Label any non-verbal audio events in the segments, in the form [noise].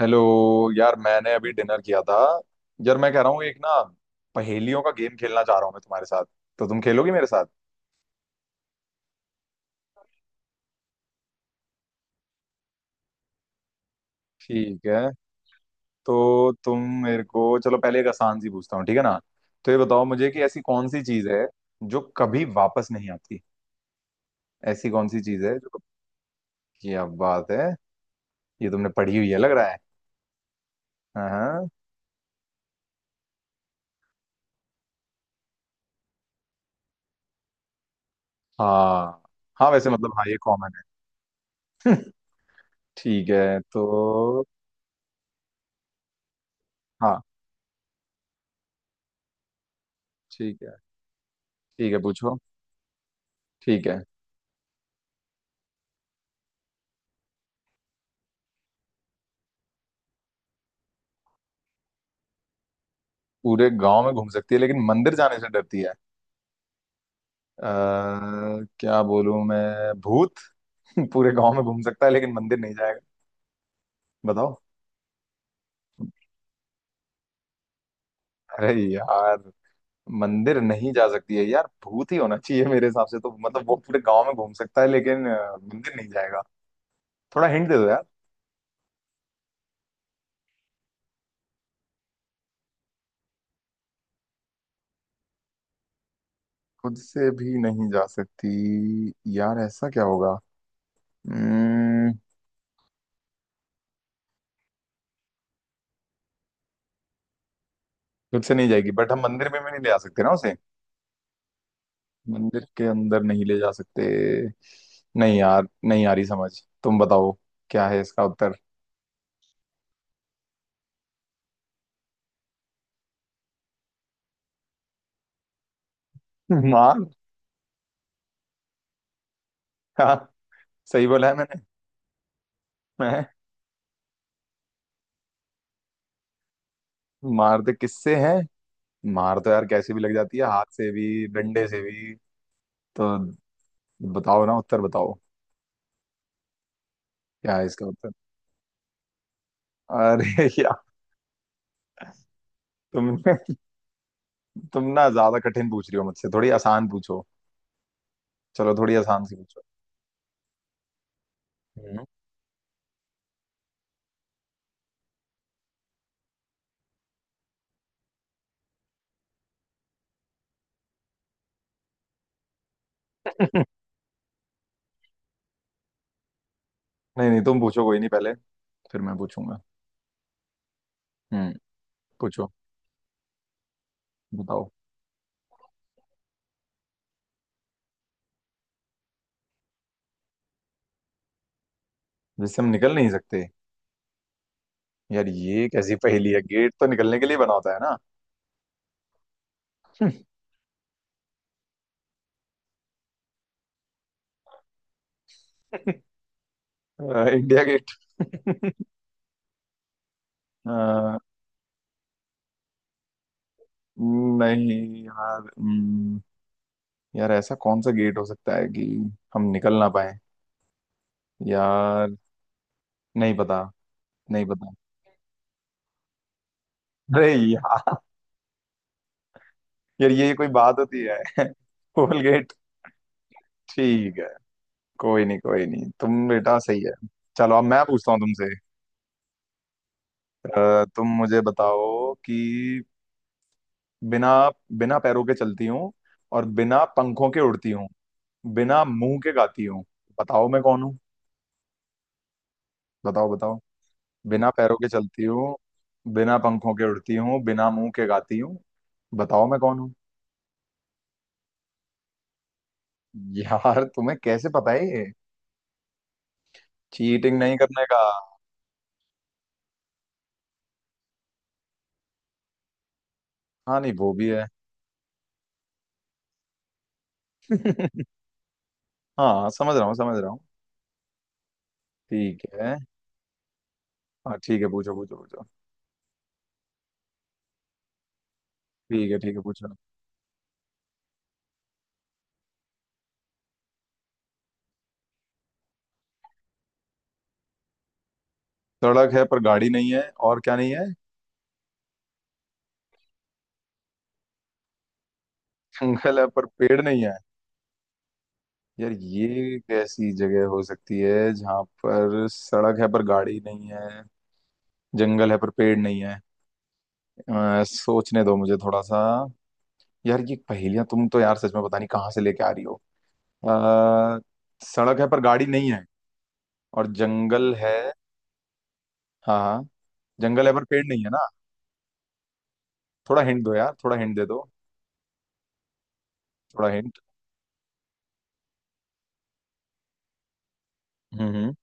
Hello. यार मैंने अभी डिनर किया था। यार मैं कह रहा हूँ एक ना, पहेलियों का गेम खेलना चाह रहा हूँ मैं तुम्हारे साथ। तो तुम खेलोगी मेरे साथ? ठीक है, तो तुम मेरे को, चलो पहले एक आसान सी पूछता हूँ, ठीक है ना। तो ये बताओ मुझे कि ऐसी कौन सी चीज़ है जो कभी वापस नहीं आती। ऐसी कौन सी चीज़ है जो क्या बात है, ये तुमने पढ़ी हुई है लग रहा है। हाँ, हाँ, हाँ, वैसे मतलब हाँ, ये कॉमन है। [laughs] ठीक है तो। हाँ ठीक है। ठीक है, पूछो। ठीक है। पूरे गांव में घूम सकती है लेकिन मंदिर जाने से डरती है। अ क्या बोलूं मैं? भूत। [laughs] पूरे गांव में घूम सकता है लेकिन मंदिर नहीं जाएगा। बताओ। अरे यार, मंदिर नहीं जा सकती है यार, भूत ही होना चाहिए मेरे हिसाब से तो, मतलब वो पूरे गांव में घूम सकता है लेकिन मंदिर नहीं जाएगा। थोड़ा हिंट दे दो यार। खुद से भी नहीं जा सकती? यार ऐसा क्या होगा? हम्म, खुद से नहीं जाएगी, बट हम मंदिर में भी नहीं ले आ सकते ना उसे। मंदिर के अंदर नहीं ले जा सकते। नहीं यार, नहीं आ रही समझ। तुम बताओ, क्या है इसका उत्तर? [laughs] मार। हाँ, सही बोला है मैंने। मैं, मार तो किससे है? मार तो यार कैसे भी लग जाती है, हाथ से भी डंडे से भी। तो बताओ ना उत्तर, बताओ क्या है इसका उत्तर। अरे [laughs] यार, तुम तुम ना ज्यादा कठिन पूछ रही हो मुझसे, थोड़ी आसान पूछो। चलो थोड़ी आसान सी पूछो। हम्म। [laughs] नहीं नहीं, तुम पूछो कोई नहीं पहले, फिर मैं पूछूंगा। हम्म। पूछो। बताओ। जिससे हम निकल नहीं सकते? यार ये कैसी पहेली है, गेट तो निकलने के लिए बना होता है ना। [laughs] India gate. [laughs] नहीं यार, यार ऐसा कौन सा गेट हो सकता है कि हम निकल ना पाए। यार नहीं पता, नहीं पता। अरे यार, यार ये कोई बात होती है। [laughs] कोल गेट। ठीक है, कोई नहीं कोई नहीं, तुम बेटा सही है। चलो अब मैं पूछता हूँ तुमसे। तुम मुझे बताओ कि बिना बिना पैरों के चलती हूँ, और बिना पंखों के उड़ती हूँ, बिना मुंह के गाती हूँ, बताओ मैं कौन हूँ। बताओ बताओ। बिना पैरों के चलती हूँ, बिना पंखों के उड़ती हूँ, बिना मुंह के गाती हूँ, बताओ मैं कौन हूँ। यार तुम्हें कैसे पता है ये, चीटिंग नहीं करने का। हाँ नहीं, वो भी है। [laughs] हाँ, समझ रहा हूँ समझ रहा हूँ। ठीक है। हाँ ठीक है, पूछो पूछो पूछो। ठीक है पूछो। सड़क है पर गाड़ी नहीं है, और क्या नहीं है? जंगल है पर पेड़ नहीं है। यार ये कैसी जगह हो सकती है जहाँ पर सड़क है पर गाड़ी नहीं है, जंगल है पर पेड़ नहीं है। सोचने दो मुझे थोड़ा सा। यार ये पहेलियां तुम तो यार सच में पता नहीं कहाँ से लेके आ रही हो। आ, सड़क है पर गाड़ी नहीं है, और जंगल है, हाँ हाँ, जंगल है पर पेड़ नहीं है ना। थोड़ा हिंट दो यार, थोड़ा हिंट दे दो, थोड़ा हिंट। हम्म।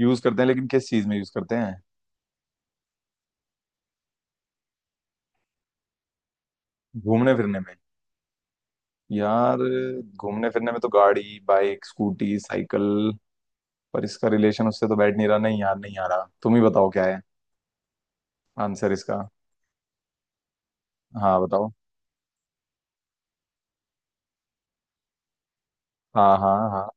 यूज करते हैं लेकिन किस चीज में यूज करते हैं? घूमने फिरने में? यार घूमने फिरने में तो गाड़ी, बाइक, स्कूटी, साइकिल, पर इसका रिलेशन उससे तो बैठ नहीं रहा। नहीं यार नहीं आ रहा, तुम ही बताओ क्या है आंसर इसका। हाँ बताओ। हाँ हाँ हाँ।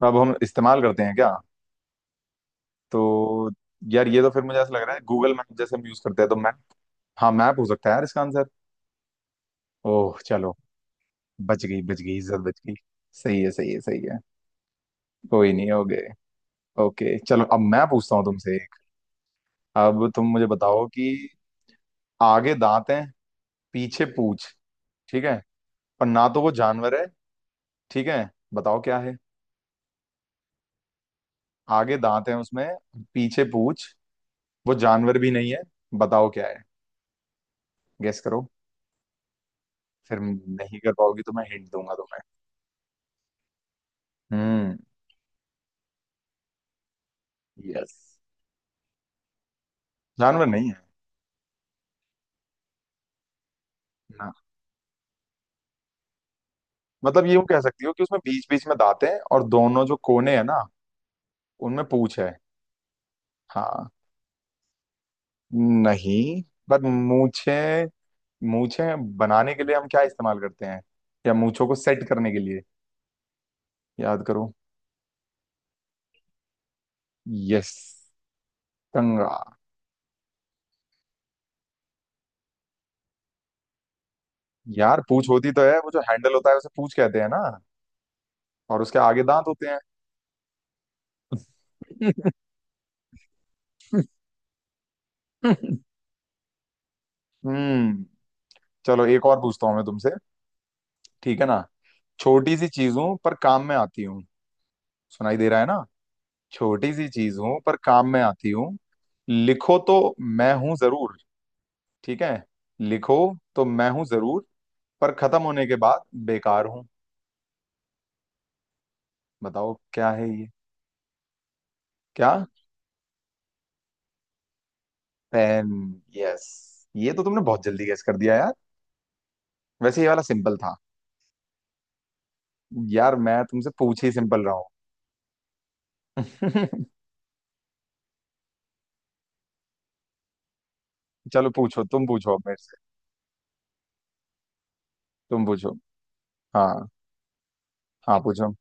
तो अब हम इस्तेमाल करते हैं क्या? तो यार ये तो फिर मुझे ऐसा लग रहा है गूगल मैप जैसे हम यूज करते हैं, तो मैप। हाँ मैप हो सकता है यार इसका आंसर। ओह चलो, बच गई बच गई, इज्जत बच गई। सही है सही है सही है। कोई नहीं, हो गए। ओके, चलो अब मैं पूछता हूँ तुमसे एक। अब तुम मुझे बताओ कि आगे दांत हैं, पीछे पूंछ, ठीक है, पर ना तो वो जानवर है, ठीक है, बताओ क्या है। आगे दांत हैं उसमें, पीछे पूंछ, वो जानवर भी नहीं है, बताओ क्या है, गेस करो। फिर नहीं कर पाओगी तो मैं हिंट दूंगा तुम्हें। हम्म। यस, जानवर नहीं है ना। मतलब ये, वो कह सकती हो कि उसमें बीच बीच में दांत हैं और दोनों जो कोने हैं ना, उनमें पूंछ है। हाँ। नहीं। पर मूछे, मूछे बनाने के लिए हम क्या इस्तेमाल करते हैं, या मूछों को सेट करने के लिए, याद करो। यस, कंघा। यार पूंछ होती तो है, वो जो हैंडल होता है उसे पूंछ कहते हैं ना, और उसके आगे दांत होते हैं। [laughs] हम्म। चलो एक और पूछता हूँ मैं तुमसे, ठीक है ना। छोटी सी चीजों पर काम में आती हूँ, सुनाई दे रहा है ना। छोटी सी चीज हूं पर काम में आती हूँ, लिखो तो मैं हूं जरूर, ठीक है, लिखो तो मैं हूं जरूर, पर खत्म होने के बाद बेकार हूं, बताओ क्या है ये। क्या? पेन? यस। ये तो तुमने बहुत जल्दी गेस कर दिया यार, वैसे ये वाला सिंपल था। यार मैं तुमसे पूछ ही सिंपल रहा हूँ। [laughs] चलो पूछो, तुम पूछो अब मेरे से, तुम पूछो। हाँ हाँ पूछो।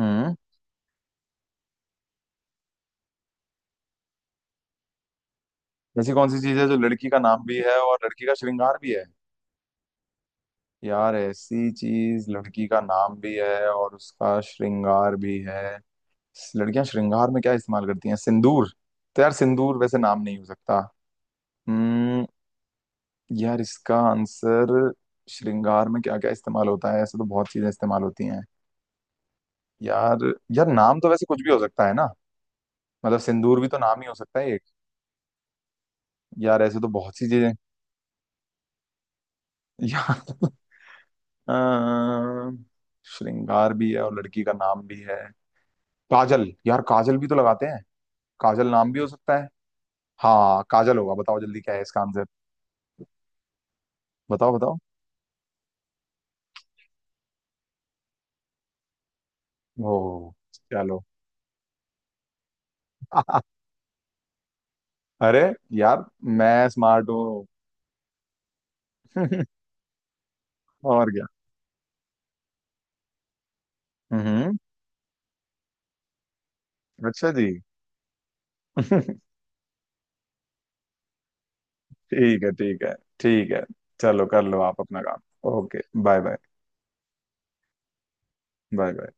हम्म। ऐसी कौन सी चीज है जो लड़की का नाम भी है और लड़की का श्रृंगार भी है? यार ऐसी चीज लड़की का नाम भी है और उसका श्रृंगार भी है, लड़कियां श्रृंगार में क्या इस्तेमाल करती हैं, सिंदूर, तो यार सिंदूर वैसे नाम नहीं हो सकता। हम्म। यार इसका आंसर, श्रृंगार में क्या क्या इस्तेमाल होता है, ऐसे तो बहुत चीजें इस्तेमाल होती हैं यार। यार नाम तो वैसे कुछ भी हो सकता है ना, मतलब सिंदूर भी तो नाम ही हो सकता है एक। यार ऐसे तो बहुत सी चीजें। [laughs] यार, अम, श्रृंगार भी है और लड़की का नाम भी है, काजल, यार काजल भी तो लगाते हैं, काजल नाम भी हो सकता है। हाँ काजल होगा, बताओ जल्दी क्या है इसका आंसर। बताओ बताओ। ओ चलो। [laughs] अरे यार, मैं स्मार्ट हूँ। [laughs] और क्या। हम्म। अच्छा जी। [laughs] ठीक है, ठीक है ठीक है। चलो कर लो आप अपना काम। Okay bye bye. Bye bye.